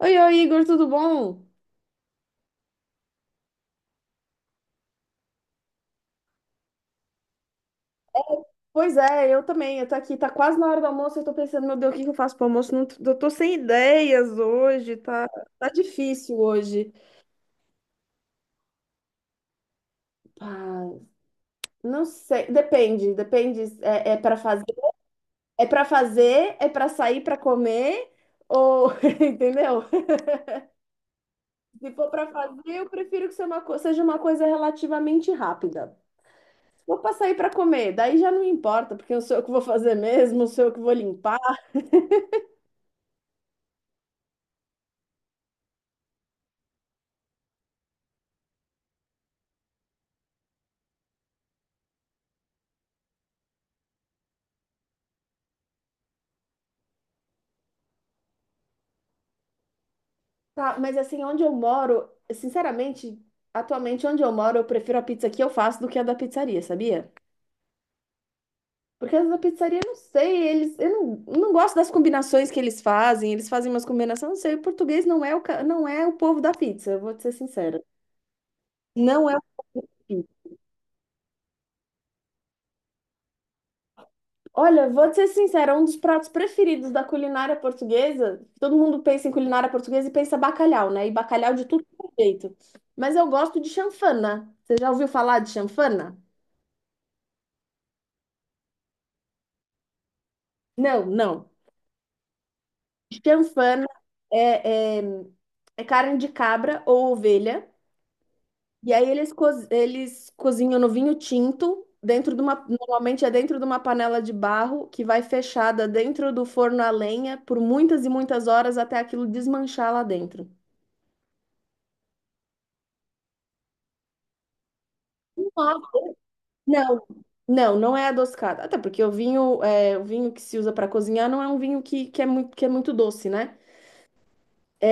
Oi, oi, Igor, tudo bom? Pois é, eu também. Eu tô aqui, tá quase na hora do almoço. Eu tô pensando, meu Deus, o que que eu faço pro almoço? Não, eu tô sem ideias hoje, tá, tá difícil hoje. Ah, não sei, depende. É para fazer, é para fazer, é para sair para comer, ou entendeu? Se for para fazer, eu prefiro que seja seja uma coisa relativamente rápida. Vou para sair para comer, daí já não importa, porque eu sou eu que vou fazer mesmo, sou eu que vou limpar. Tá, mas assim, onde eu moro, sinceramente, atualmente onde eu moro, eu prefiro a pizza que eu faço do que a da pizzaria, sabia? Porque as da pizzaria, eu não sei, eles, eu não gosto das combinações que eles fazem umas combinações, não sei, o português não é não é o povo da pizza, eu vou te ser sincera. Não é o povo. Olha, vou te ser sincera, um dos pratos preferidos da culinária portuguesa, todo mundo pensa em culinária portuguesa e pensa bacalhau, né? E bacalhau de tudo que é jeito. Mas eu gosto de chanfana. Você já ouviu falar de chanfana? Não, não. Chanfana é, é carne de cabra ou ovelha. E aí eles cozinham no vinho tinto, dentro de uma, normalmente é dentro de uma panela de barro que vai fechada dentro do forno a lenha por muitas e muitas horas até aquilo desmanchar lá dentro. Nossa. Não, não, não é adocicada. Até porque o vinho, é, o vinho que se usa para cozinhar não é um vinho é muito, que é muito doce, né?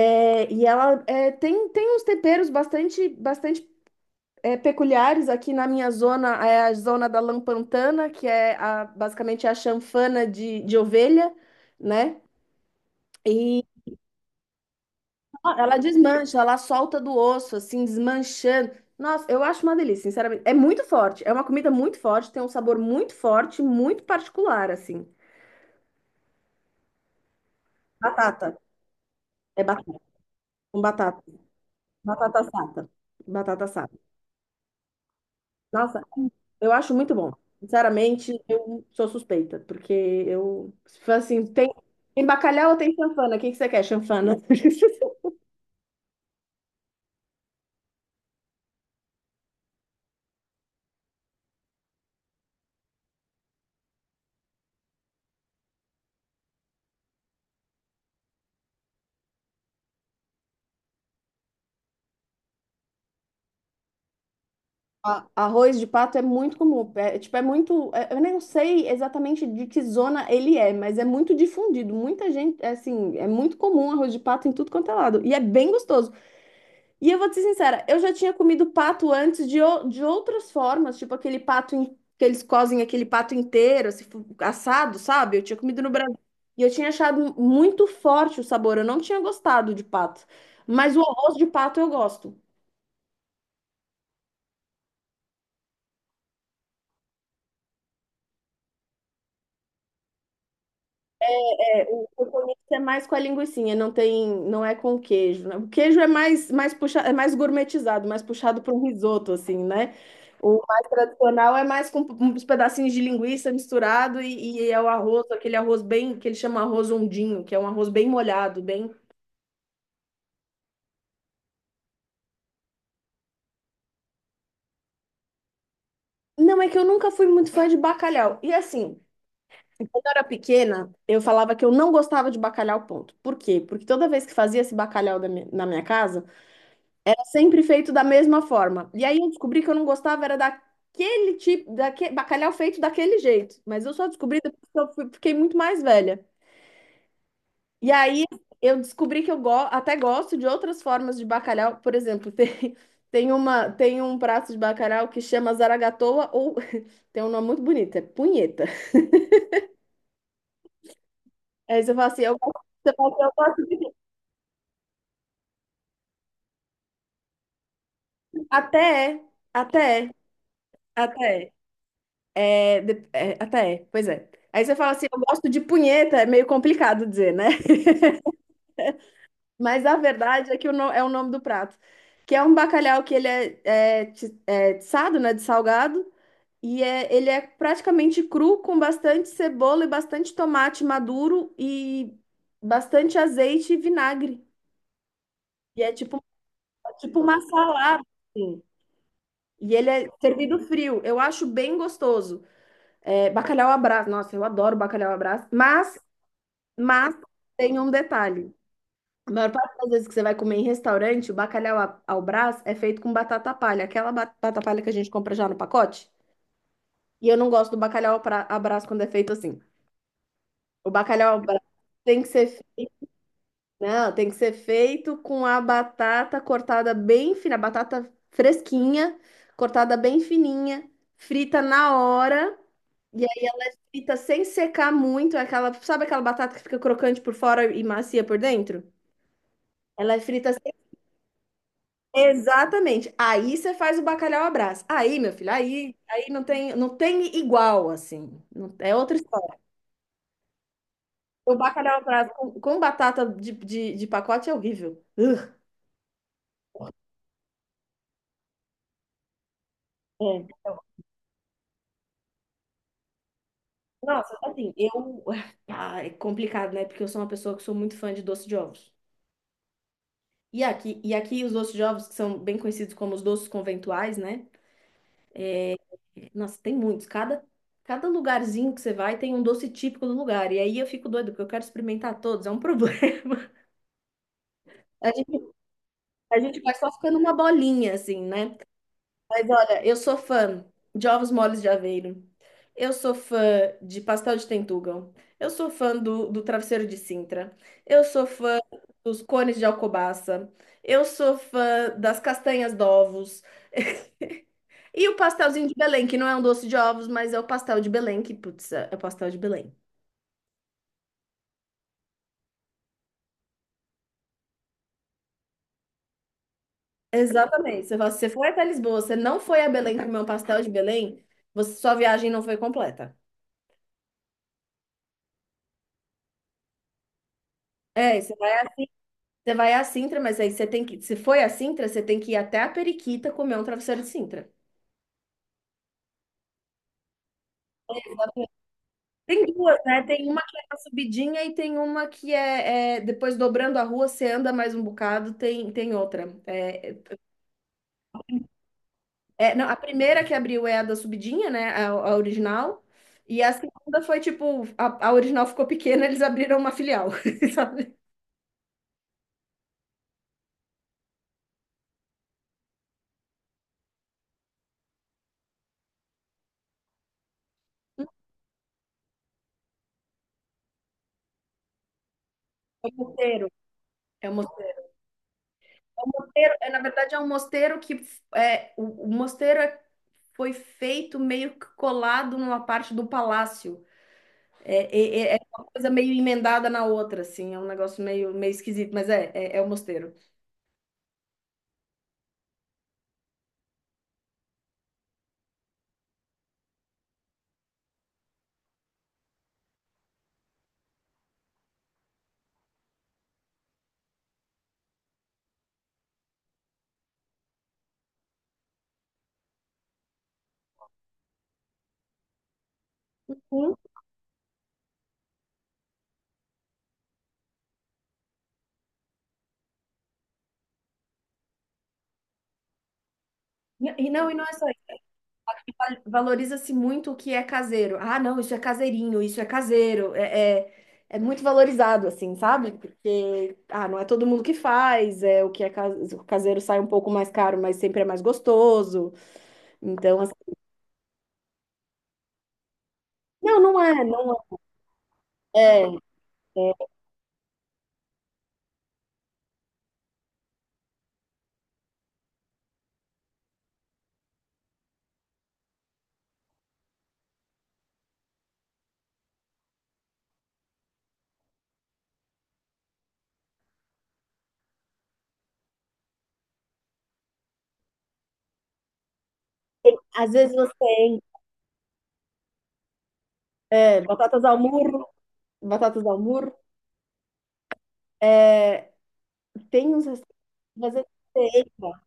É, e ela é, tem, tem uns temperos bastante, bastante é, peculiares aqui na minha zona é a zona da Lampantana, que é basicamente a chanfana de ovelha, né? E ó, ela desmancha, ela solta do osso, assim, desmanchando. Nossa, eu acho uma delícia, sinceramente. É muito forte, é uma comida muito forte, tem um sabor muito forte, muito particular, assim. Batata, é batata, com batata, batata assada. Batata assada. Nossa, eu acho muito bom. Sinceramente, eu sou suspeita, porque eu, se for assim, tem, tem bacalhau ou tem chanfana? O que que você quer, chanfana? Arroz de pato é muito comum. É muito. Eu nem sei exatamente de que zona ele é, mas é muito difundido. Muita gente, é, assim, é muito comum arroz de pato em tudo quanto é lado. E é bem gostoso. E eu vou te ser sincera, eu já tinha comido pato de outras formas, tipo aquele que eles cozem aquele pato inteiro, assim, assado, sabe? Eu tinha comido no Brasil. E eu tinha achado muito forte o sabor, eu não tinha gostado de pato. Mas o arroz de pato eu gosto. É, o componente é mais com a linguicinha, não tem, não é com queijo, né? O queijo é mais, mais puxa, é mais gourmetizado, mais puxado para um risoto, assim, né? O mais tradicional é mais com uns pedacinhos de linguiça misturado e é o arroz, aquele arroz bem, que ele chama arroz ondinho, que é um arroz bem molhado, bem… Não, é que eu nunca fui muito fã de bacalhau. E assim, quando eu era pequena, eu falava que eu não gostava de bacalhau, ponto. Por quê? Porque toda vez que fazia esse bacalhau da mi- na minha casa, sempre feito da mesma forma. E aí eu descobri que eu não gostava era daquele tipo, daquele bacalhau feito daquele jeito. Mas eu só descobri depois que fiquei muito mais velha. E aí eu descobri que eu go até gosto de outras formas de bacalhau. Por exemplo, tem, tem uma, tem um prato de bacalhau que chama zaragatoa ou tem um nome muito bonito, é punheta. Aí você fala assim, eu gosto, você fala assim, eu gosto de… Até é, até é, até é. É, até é, pois é. Aí você fala assim, eu gosto de punheta, é meio complicado dizer, né? Mas a verdade é que o no- é o nome do prato, que é um bacalhau que ele é, é tiçado, né, de salgado, ele é praticamente cru, com bastante cebola e bastante tomate maduro e bastante azeite e vinagre. E é tipo, tipo uma salada, assim. E ele é servido frio. Eu acho bem gostoso. É, bacalhau à Brás. Nossa, eu adoro bacalhau à Brás. Mas tem um detalhe. A maior parte das vezes que você vai comer em restaurante, o ao Brás é feito com batata palha, aquela batata palha que a gente compra já no pacote. E eu não gosto do bacalhau à Brás quando é feito assim. O bacalhau ao Brás tem que ser, fe- não, tem que ser feito com a batata cortada bem fina, a batata fresquinha, cortada bem fininha, frita na hora. E aí frita sem secar muito, é aquela, sabe aquela batata que fica crocante por fora e macia por dentro? Ela é frita. Exatamente. Aí você faz o bacalhau à Brás. Aí, meu filho, aí não tem, não tem igual, assim. É outra história. O bacalhau à Brás com batata de pacote é horrível. Ugh. É. Nossa, assim, eu. Ah, é complicado, né? Porque eu sou uma pessoa que sou muito fã de doce de ovos. E aqui os doces de ovos, que são bem conhecidos como os doces conventuais, né? Nossa, tem muitos. Cada lugarzinho que você vai tem um doce típico do lugar. E aí eu fico doida, porque eu quero experimentar todos. É um problema. A gente A gente vai só ficando uma bolinha, assim, né? Mas olha, eu sou fã de ovos moles de Aveiro. Eu sou fã de pastel de Tentugal. Eu sou fã do travesseiro de Sintra. Eu sou fã dos cones de Alcobaça. Eu sou fã das castanhas de ovos. E o pastelzinho de Belém, que não é um doce de ovos, mas é o pastel de Belém, que, putz, é o pastel de Belém. Exatamente. Você fala, se você foi até Lisboa, você não foi a Belém comer um pastel de Belém, você, sua viagem não foi completa. É, isso. Você vai à Sintra, mas aí você tem que. Se foi à Sintra, você tem que ir até a Periquita comer um travesseiro de Sintra. Tem duas, né? Tem uma que é na subidinha e tem uma que é, é, depois dobrando a rua, você anda mais um bocado, tem, tem outra. Não, a primeira que abriu é a da subidinha, né? A original. E a segunda foi tipo, a original ficou pequena, eles abriram uma filial, sabe? É um mosteiro. É um mosteiro. É, na verdade, é um mosteiro o mosteiro foi feito meio que colado numa parte do palácio. É, é uma coisa meio emendada na outra, assim, é um negócio meio, meio esquisito, mas é o mosteiro. Sim. E não é só isso. Valoriza-se muito o que é caseiro. Ah, não, isso é caseirinho, isso é caseiro. É muito valorizado, assim, sabe? Porque, ah, não é todo mundo que faz, é o que é caseiro o caseiro sai um pouco mais caro, mas sempre é mais gostoso. Então, assim, não, não é. É. Às vezes você tem é, batatas ao molho. Batatas ao murro, tem uns restaurantes, às vezes você entra.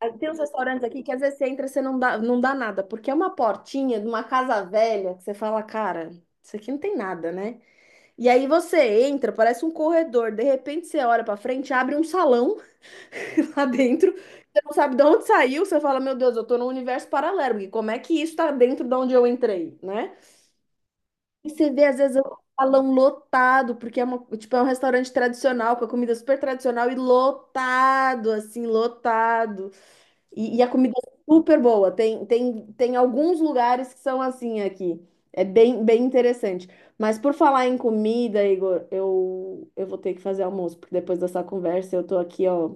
Ah, tem uns restaurantes aqui que às vezes você entra e você não dá nada, porque é uma portinha de uma casa velha que você fala, cara, isso aqui não tem nada, né? E aí você entra, parece um corredor, de repente você olha pra frente, abre um salão lá dentro, você não sabe de onde saiu, você fala, meu Deus, eu tô num universo paralelo, porque como é que isso tá dentro de onde eu entrei, né? E você vê, às vezes, o salão lotado, porque é, uma, tipo, é um restaurante tradicional, com a comida super tradicional e lotado, assim, lotado. E a comida é super boa. Tem alguns lugares que são assim aqui. É bem, bem interessante. Mas por falar em comida, Igor, eu vou ter que fazer almoço, porque depois dessa conversa eu tô aqui, ó,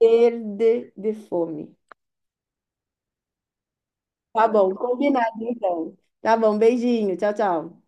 verde de fome. Tá bom, combinado então. Tá bom, beijinho. Tchau, tchau.